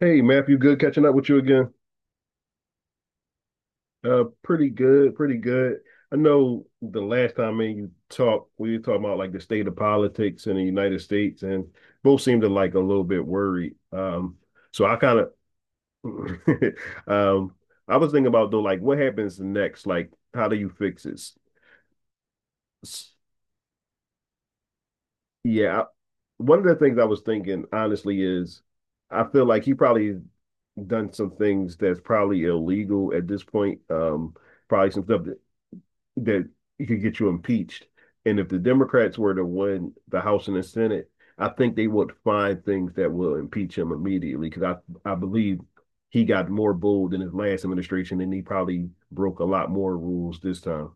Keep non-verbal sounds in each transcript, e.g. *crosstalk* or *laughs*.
Hey, Matthew, good catching up with you again. Pretty good, pretty good. I know the last time me and you talked, we were talking about like the state of politics in the United States, and both seemed to like a little bit worried. So I kind of, *laughs* um, I was thinking about though, like what happens next? Like, how do you fix it? S- Yeah, one of the things I was thinking honestly is, I feel like he probably done some things that's probably illegal at this point. Probably some stuff that it could get you impeached. And if the Democrats were to win the House and the Senate, I think they would find things that will impeach him immediately because I believe he got more bold in his last administration and he probably broke a lot more rules this time.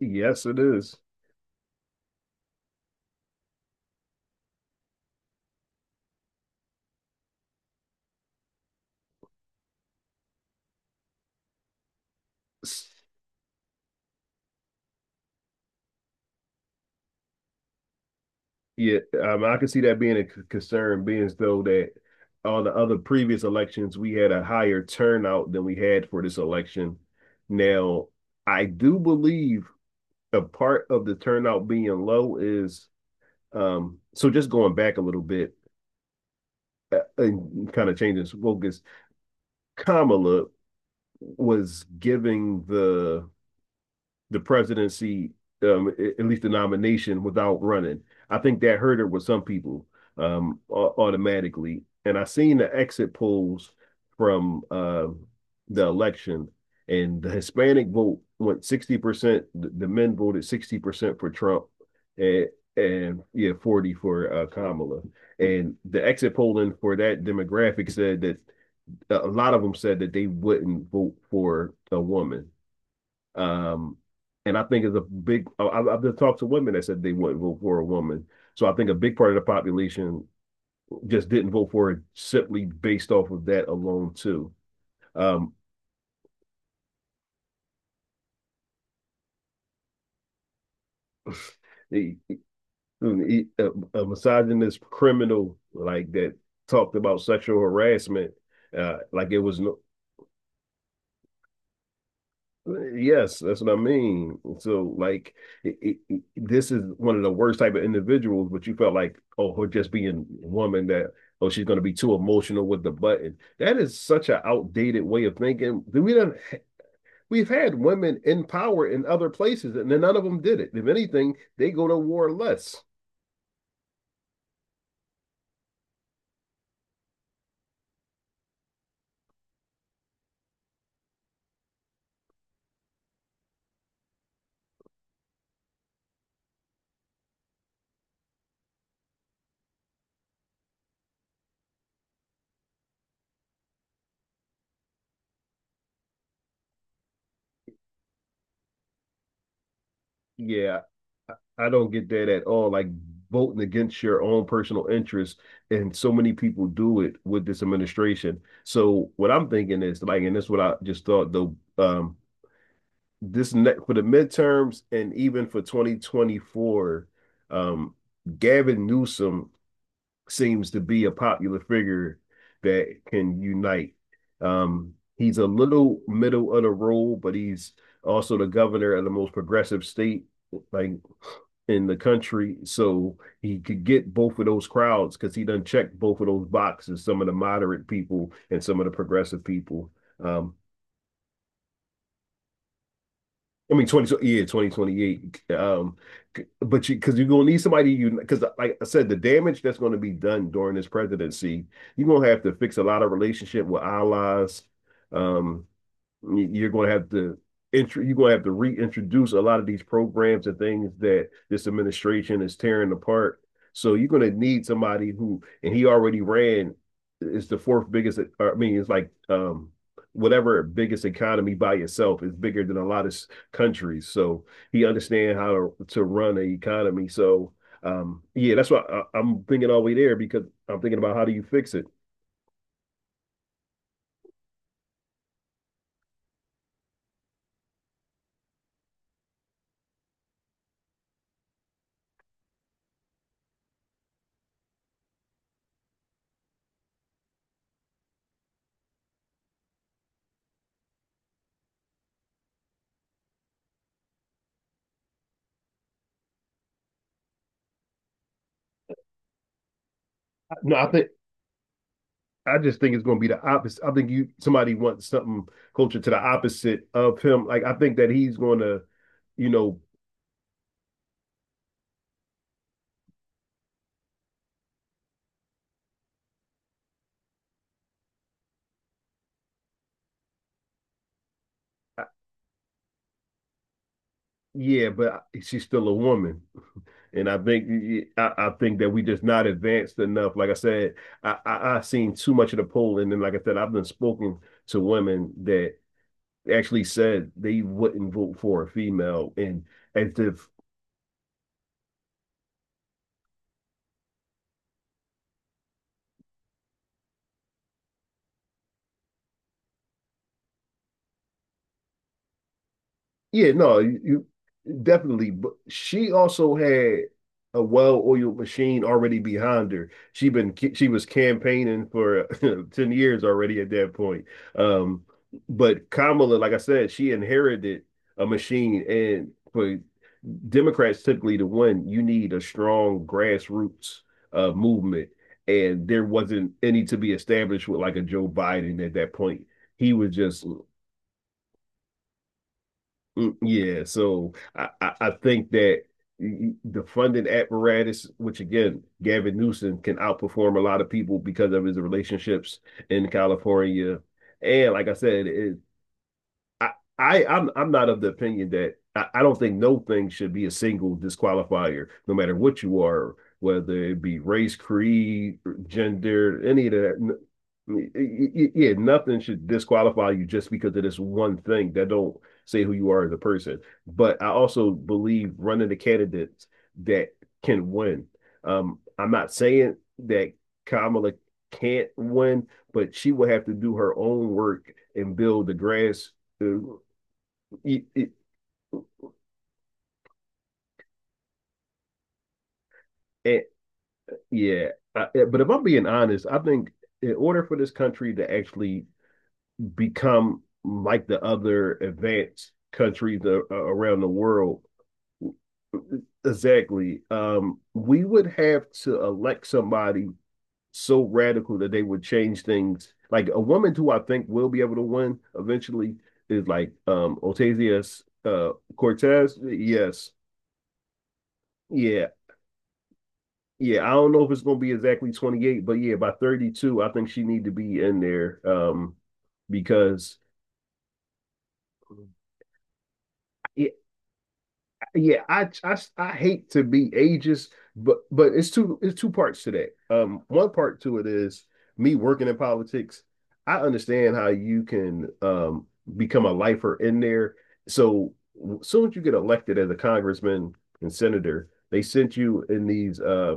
Yes, it is. Yeah, I can see that being a concern, being as though that all the other previous elections, we had a higher turnout than we had for this election. Now, I do believe a part of the turnout being low is so just going back a little bit and kind of changing focus, Kamala was giving the presidency, um, at least the nomination, without running. I think that hurt it with some people um, automatically. And I seen the exit polls from the election, and the Hispanic vote went 60%. The men voted 60% for Trump and, and yeah, 40 for Kamala. And the exit polling for that demographic said that a lot of them said that they wouldn't vote for a woman. Um, and I think it's a big. I've just talked to women that said they wouldn't vote for a woman. So I think a big part of the population just didn't vote for it simply based off of that alone too. Um, a, a misogynist criminal like that talked about sexual harassment like it was no, yes, that's what I mean. So, like, this is one of the worst type of individuals. But you felt like, oh, her just being a woman that, oh, she's going to be too emotional with the button. That is such an outdated way of thinking. We don't. We've had women in power in other places, and then none of them did it. If anything, they go to war less. Yeah, I I don't get that at all. Like voting against your own personal interests, and so many people do it with this administration. So what I'm thinking is like, and this is what I just thought though. This ne for the midterms and even for 2024, um, Gavin Newsom seems to be a popular figure that can unite. He's a little middle of the road, but he's also the governor of the most progressive state like in the country. So he could get both of those crowds because he done checked both of those boxes, some of the moderate people and some of the progressive people. Um, I mean, 2028. But you, because you're going to need somebody, you, because like I said, the damage that's going to be done during this presidency, you're going to have to fix a lot of relationship with allies. Um, are going to have to you're going to have to reintroduce a lot of these programs and things that this administration is tearing apart. So you're going to need somebody who, and he already ran, it's the fourth biggest. I mean, it's like whatever biggest economy by itself is bigger than a lot of countries. So he understands how to run an economy. So yeah, that's why I'm thinking all the way there because I'm thinking about how do you fix it. No, I think I just think it's going to be the opposite. I think you somebody wants something closer to the opposite of him. Like I think that he's going to, you know, I- yeah, but she's still a woman, and I think I think that we just not advanced enough. Like I said, I've seen too much of the poll, and then like I said, I've been spoken to women that actually said they wouldn't vote for a female, and as if yeah, no, you definitely. But she also had a well-oiled machine already behind her. She was campaigning for *laughs* 10 years already at that point. Um, but Kamala, like I said, she inherited a machine. And for Democrats typically to win, you need a strong grassroots movement. And there wasn't any to be established with like a Joe Biden at that point. He was just mm, yeah, so I think that the funding apparatus, which again, Gavin Newsom can outperform a lot of people because of his relationships in California. And like I said, I, I'm not of the opinion that I don't think no thing should be a single disqualifier, no matter what you are, whether it be race, creed, gender, any of that. Yeah, nothing should disqualify you just because of this one thing that don't say who you are as a person. But I also believe running the candidates that can win. I'm not saying that Kamala can't win, but she will have to do her own work and build the grass it, it, it, yeah. But if I'm being honest, I think in order for this country to actually become like the other advanced countries around the world, exactly, we would have to elect somebody so radical that they would change things. Like a woman who I think will be able to win eventually is like Ocasio Cortez. Yes, yeah. Yeah, I don't know if it's going to be exactly 28, but yeah, by 32, I think she need to be in there because yeah, yeah, I hate to be ageist, but it's two parts to that. One part to it is me working in politics. I understand how you can become a lifer in there. So soon as you get elected as a congressman and senator, they sent you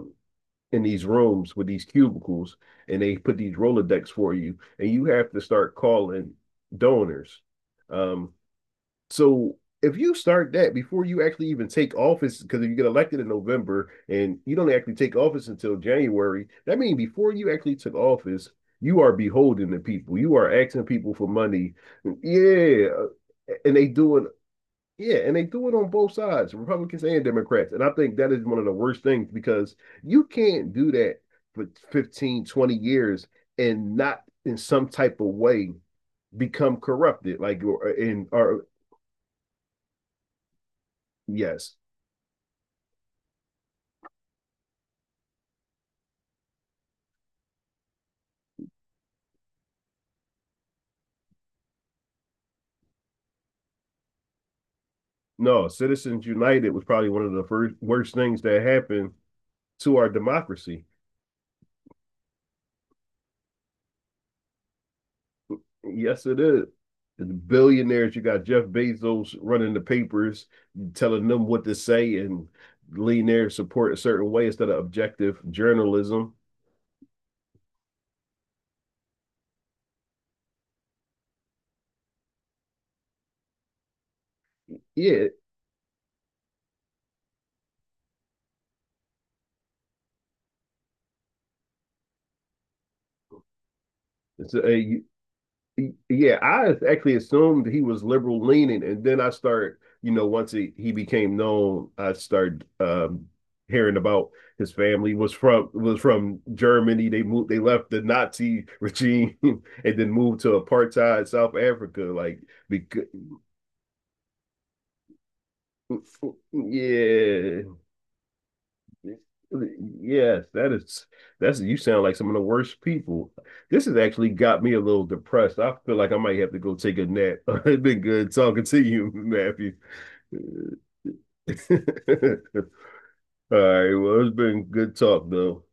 in these rooms with these cubicles and they put these Rolodex for you and you have to start calling donors. Um, so if you start that before you actually even take office, because if you get elected in November and you don't actually take office until January, that means before you actually took office, you are beholden to people. You are asking people for money. Yeah. And they do it Yeah, and they do it on both sides, Republicans and Democrats. And I think that is one of the worst things because you can't do that for 15, 20 years and not in some type of way become corrupted. Like in or yes. No, Citizens United was probably one of the first worst things that happened to our democracy. Yes, it is. The billionaires, you got Jeff Bezos running the papers, telling them what to say and lean their support a certain way instead of objective journalism. Yeah, it's a, yeah. I actually assumed he was liberal leaning, and then you know, once he became known, I started hearing about his family was from Germany. They moved, they left the Nazi regime, *laughs* and then moved to apartheid South Africa, like because yeah. Yes, that's you sound like some of the worst people. This has actually got me a little depressed. I feel like I might have to go take a nap. *laughs* It's been good talking to you, Matthew. *laughs* All right, well, it's been good talk though.